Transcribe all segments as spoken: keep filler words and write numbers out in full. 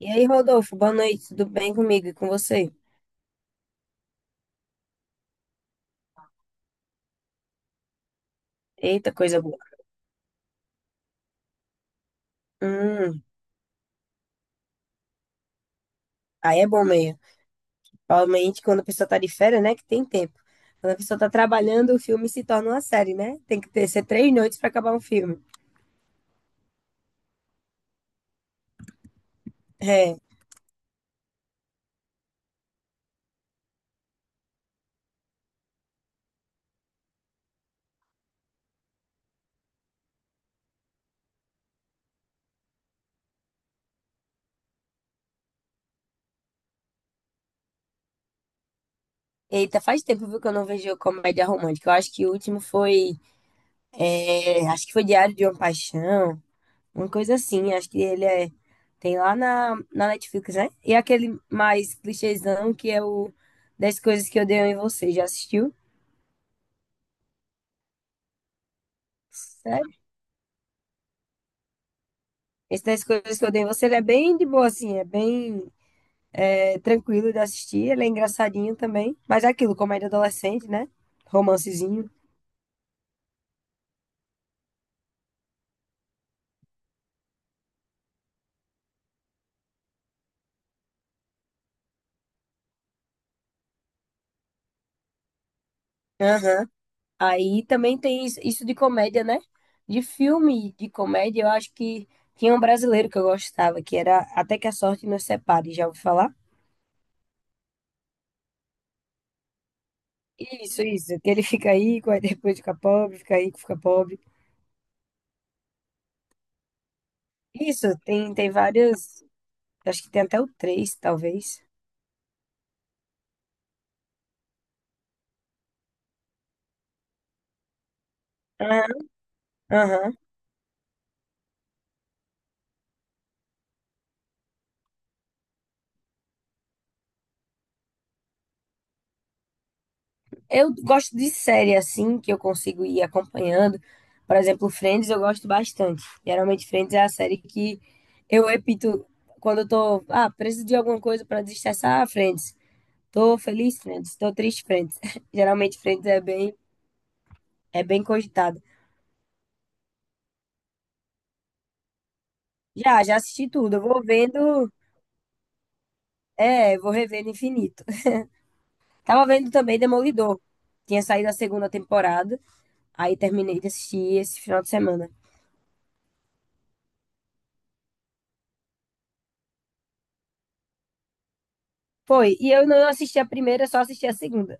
E aí, Rodolfo, boa noite, tudo bem comigo e com você? Eita, coisa boa. Hum, Aí é bom meio. Principalmente quando a pessoa tá de férias, né, que tem tempo. Quando a pessoa tá trabalhando, o filme se torna uma série, né? Tem que ter, ser três noites pra acabar um filme. É. Eita, faz tempo, viu, que eu não vejo comédia romântica. Eu acho que o último foi, é, acho que foi Diário de uma Paixão, uma coisa assim. Acho que ele é, tem lá na, na Netflix, né? E aquele mais clichêzão que é o Dez coisas que eu odeio em você. Já assistiu? Sério? Esse das coisas que eu dei em você, ele é bem de boa, assim, é bem é, tranquilo de assistir, ele é engraçadinho também. Mas é aquilo, comédia adolescente, né? Romancezinho. Aham. Aí também tem isso isso de comédia, né? De filme de comédia, eu acho que tinha um brasileiro que eu gostava, que era Até que a Sorte Nos Separe, já ouviu falar? Isso, isso, que ele fica aí, aí depois fica pobre, fica aí, fica pobre. Isso, tem, tem vários, acho que tem até o três, talvez. Aham. Aham. Eu gosto de série assim, que eu consigo ir acompanhando. Por exemplo, Friends eu gosto bastante. Geralmente, Friends é a série que eu repito quando eu tô, ah, preciso de alguma coisa para desestressar, ah, Friends. Tô feliz, Friends. Tô triste, Friends. Geralmente, Friends é bem, é bem cogitado. Já, já assisti tudo. Eu vou vendo, é, vou revendo infinito. Tava vendo também Demolidor. Tinha saído a segunda temporada, aí terminei de assistir esse final de semana. Foi, e eu não assisti a primeira, só assisti a segunda.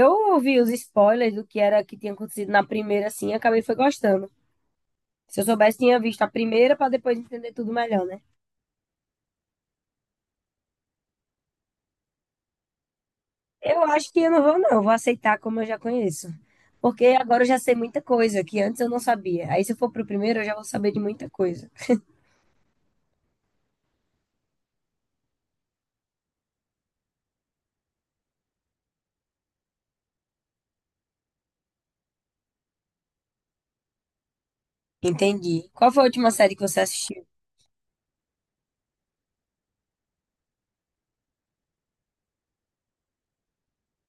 Eu ouvi os spoilers do que era que tinha acontecido na primeira, assim, e acabei foi gostando. Se eu soubesse, tinha visto a primeira para depois entender tudo melhor, né? Eu acho que eu não vou, não. Eu Vou aceitar como eu já conheço. Porque agora eu já sei muita coisa que antes eu não sabia. Aí se eu for pro primeiro, eu já vou saber de muita coisa. Entendi. Qual foi a última série que você assistiu?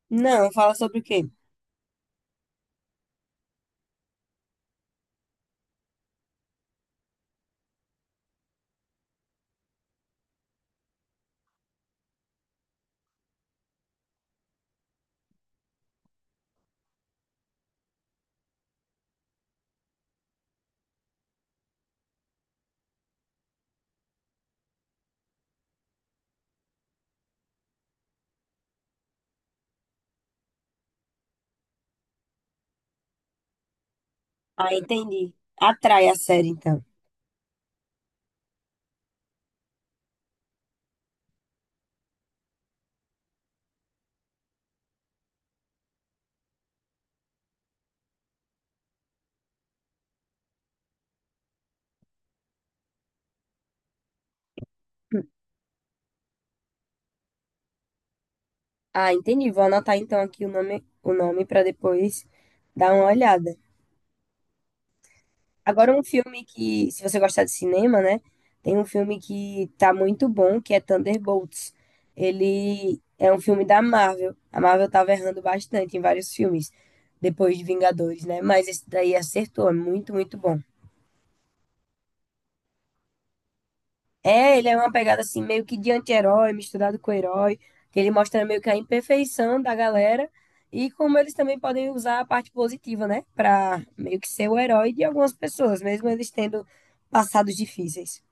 Não, fala sobre o quê? Ah, entendi. Atrai a série, então. Ah, entendi. Vou anotar então aqui o nome, o nome para depois dar uma olhada. Agora, um filme que, se você gostar de cinema, né? Tem um filme que tá muito bom, que é Thunderbolts. Ele é um filme da Marvel. A Marvel tava errando bastante em vários filmes, depois de Vingadores, né? Mas esse daí acertou, é muito, muito bom. É, ele é uma pegada assim, meio que de anti-herói, misturado com herói, que ele mostra meio que a imperfeição da galera e como eles também podem usar a parte positiva, né? Pra meio que ser o herói de algumas pessoas, mesmo eles tendo passados difíceis.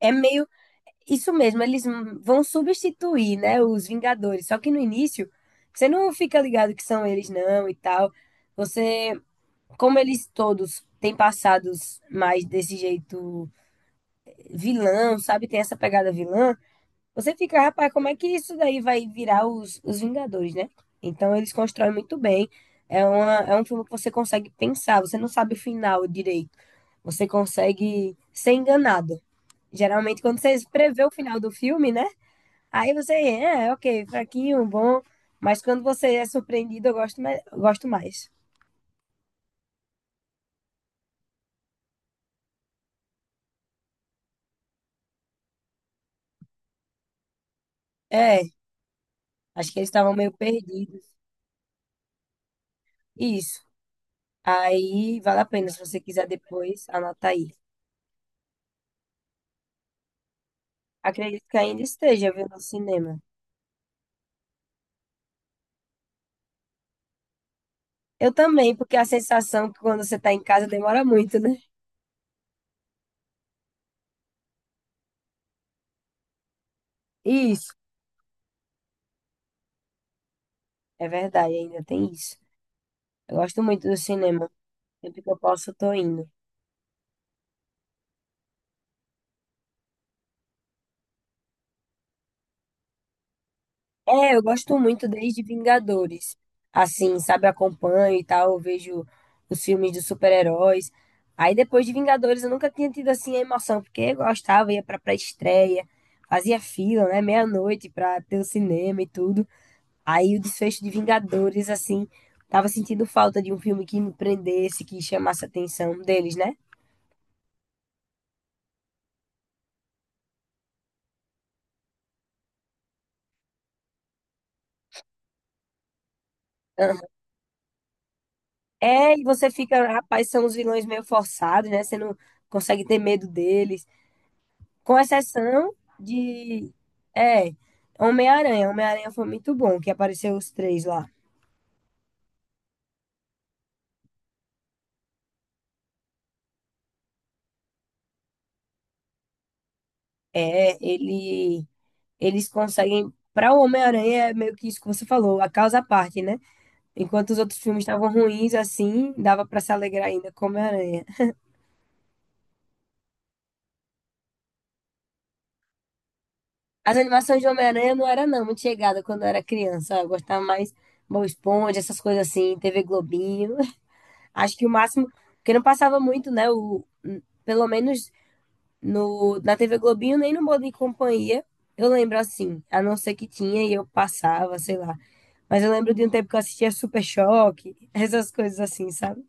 É meio Isso mesmo, eles hum, vão substituir, né, os Vingadores. Só que no início, você não fica ligado que são eles, não, e tal. Você, como eles todos têm passados mais desse jeito vilão, sabe? Tem essa pegada vilã. Você fica, rapaz, como é que isso daí vai virar os, os Vingadores, né? Então eles constroem muito bem. É uma, é um filme que você consegue pensar, você não sabe o final direito. Você consegue ser enganado. Geralmente, quando você prevê o final do filme, né? Aí você, é, ok, fraquinho, bom, mas quando você é surpreendido, eu gosto, mais- eu gosto mais. É, acho que eles estavam meio perdidos. Isso. Aí vale a pena, se você quiser depois, anota aí. Acredito que ainda esteja, viu, no cinema. Eu também, porque a sensação que quando você tá em casa demora muito, né? Isso, é verdade, ainda tem isso. Eu gosto muito do cinema. Sempre que eu posso, eu tô indo. É, eu gosto muito desde Vingadores. Assim, sabe, eu acompanho e tal, eu vejo os filmes de super-heróis. Aí depois de Vingadores eu nunca tinha tido assim a emoção, porque eu gostava, ia pra pré-estreia, fazia fila, né, meia-noite pra ter o cinema e tudo. Aí o desfecho de Vingadores, assim, tava sentindo falta de um filme que me prendesse, que chamasse a atenção deles, né? Aham. É, e você fica, rapaz, são os vilões meio forçados, né? Você não consegue ter medo deles. Com exceção de. É, Homem-Aranha. Homem-Aranha foi muito bom, que apareceu os três lá. É, ele, Eles conseguem. Para o Homem-Aranha, é meio que isso que você falou, a causa à parte, né? Enquanto os outros filmes estavam ruins, assim, dava para se alegrar ainda com o Homem-Aranha. As animações de Homem-Aranha não era, não, muito chegada quando eu era criança. Eu gostava mais Bob Esponja, essas coisas assim, T V Globinho. Acho que o máximo. Porque não passava muito, né? O, pelo menos no, na T V Globinho, nem no Modo e Companhia. Eu lembro assim, a não ser que tinha e eu passava, sei lá. Mas eu lembro de um tempo que eu assistia Super Choque, essas coisas assim, sabe?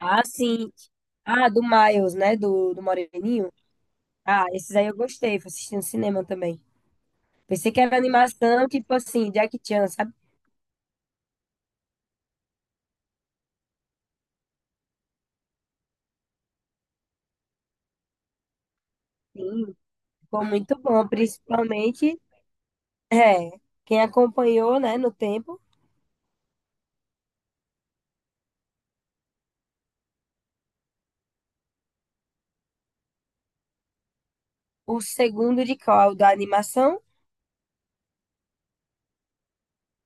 Ah, sim. Ah, do Miles, né? Do, do Moreninho. Ah, esses aí eu gostei, fui assistindo cinema também. Pensei que era animação, tipo assim, Jack Chan, sabe? Sim, ficou muito bom, principalmente, é, quem acompanhou, né, no tempo, o segundo de qual da animação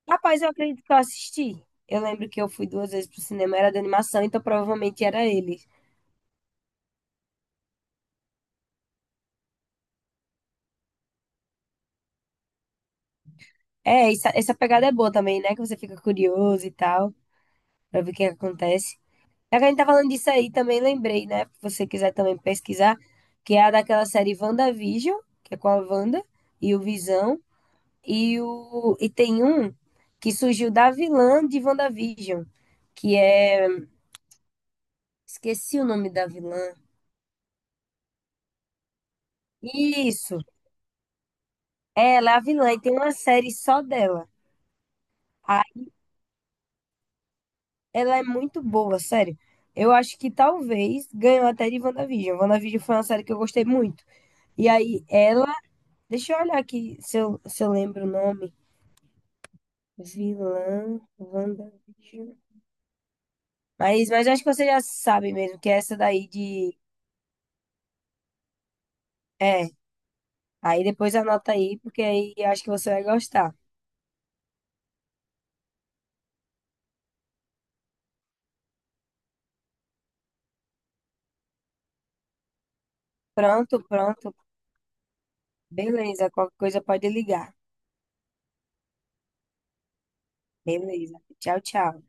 Rapaz, eu acredito que eu assisti. Eu lembro que eu fui duas vezes pro cinema, era de animação, então provavelmente era ele. É, essa, essa pegada é boa também, né? Que você fica curioso e tal, pra ver o que acontece. Já que a gente tá falando disso aí, também lembrei, né? Se você quiser também pesquisar, que é a daquela série WandaVision, que é com a Wanda e o Visão. E, o, e tem um que surgiu da vilã de WandaVision, que é. Esqueci o nome da vilã. Isso, ela é a vilã e tem uma série só dela. Ai, ela é muito boa, sério. Eu acho que talvez ganhou até de WandaVision. WandaVision foi uma série que eu gostei muito. E aí, ela. Deixa eu olhar aqui se eu, se eu lembro o nome. Vilã WandaVision. Mas, mas eu acho que você já sabe mesmo que é essa daí de. É. Aí depois anota aí, porque aí eu acho que você vai gostar. Pronto, pronto. Beleza. Qualquer coisa pode ligar. Beleza. Tchau, tchau.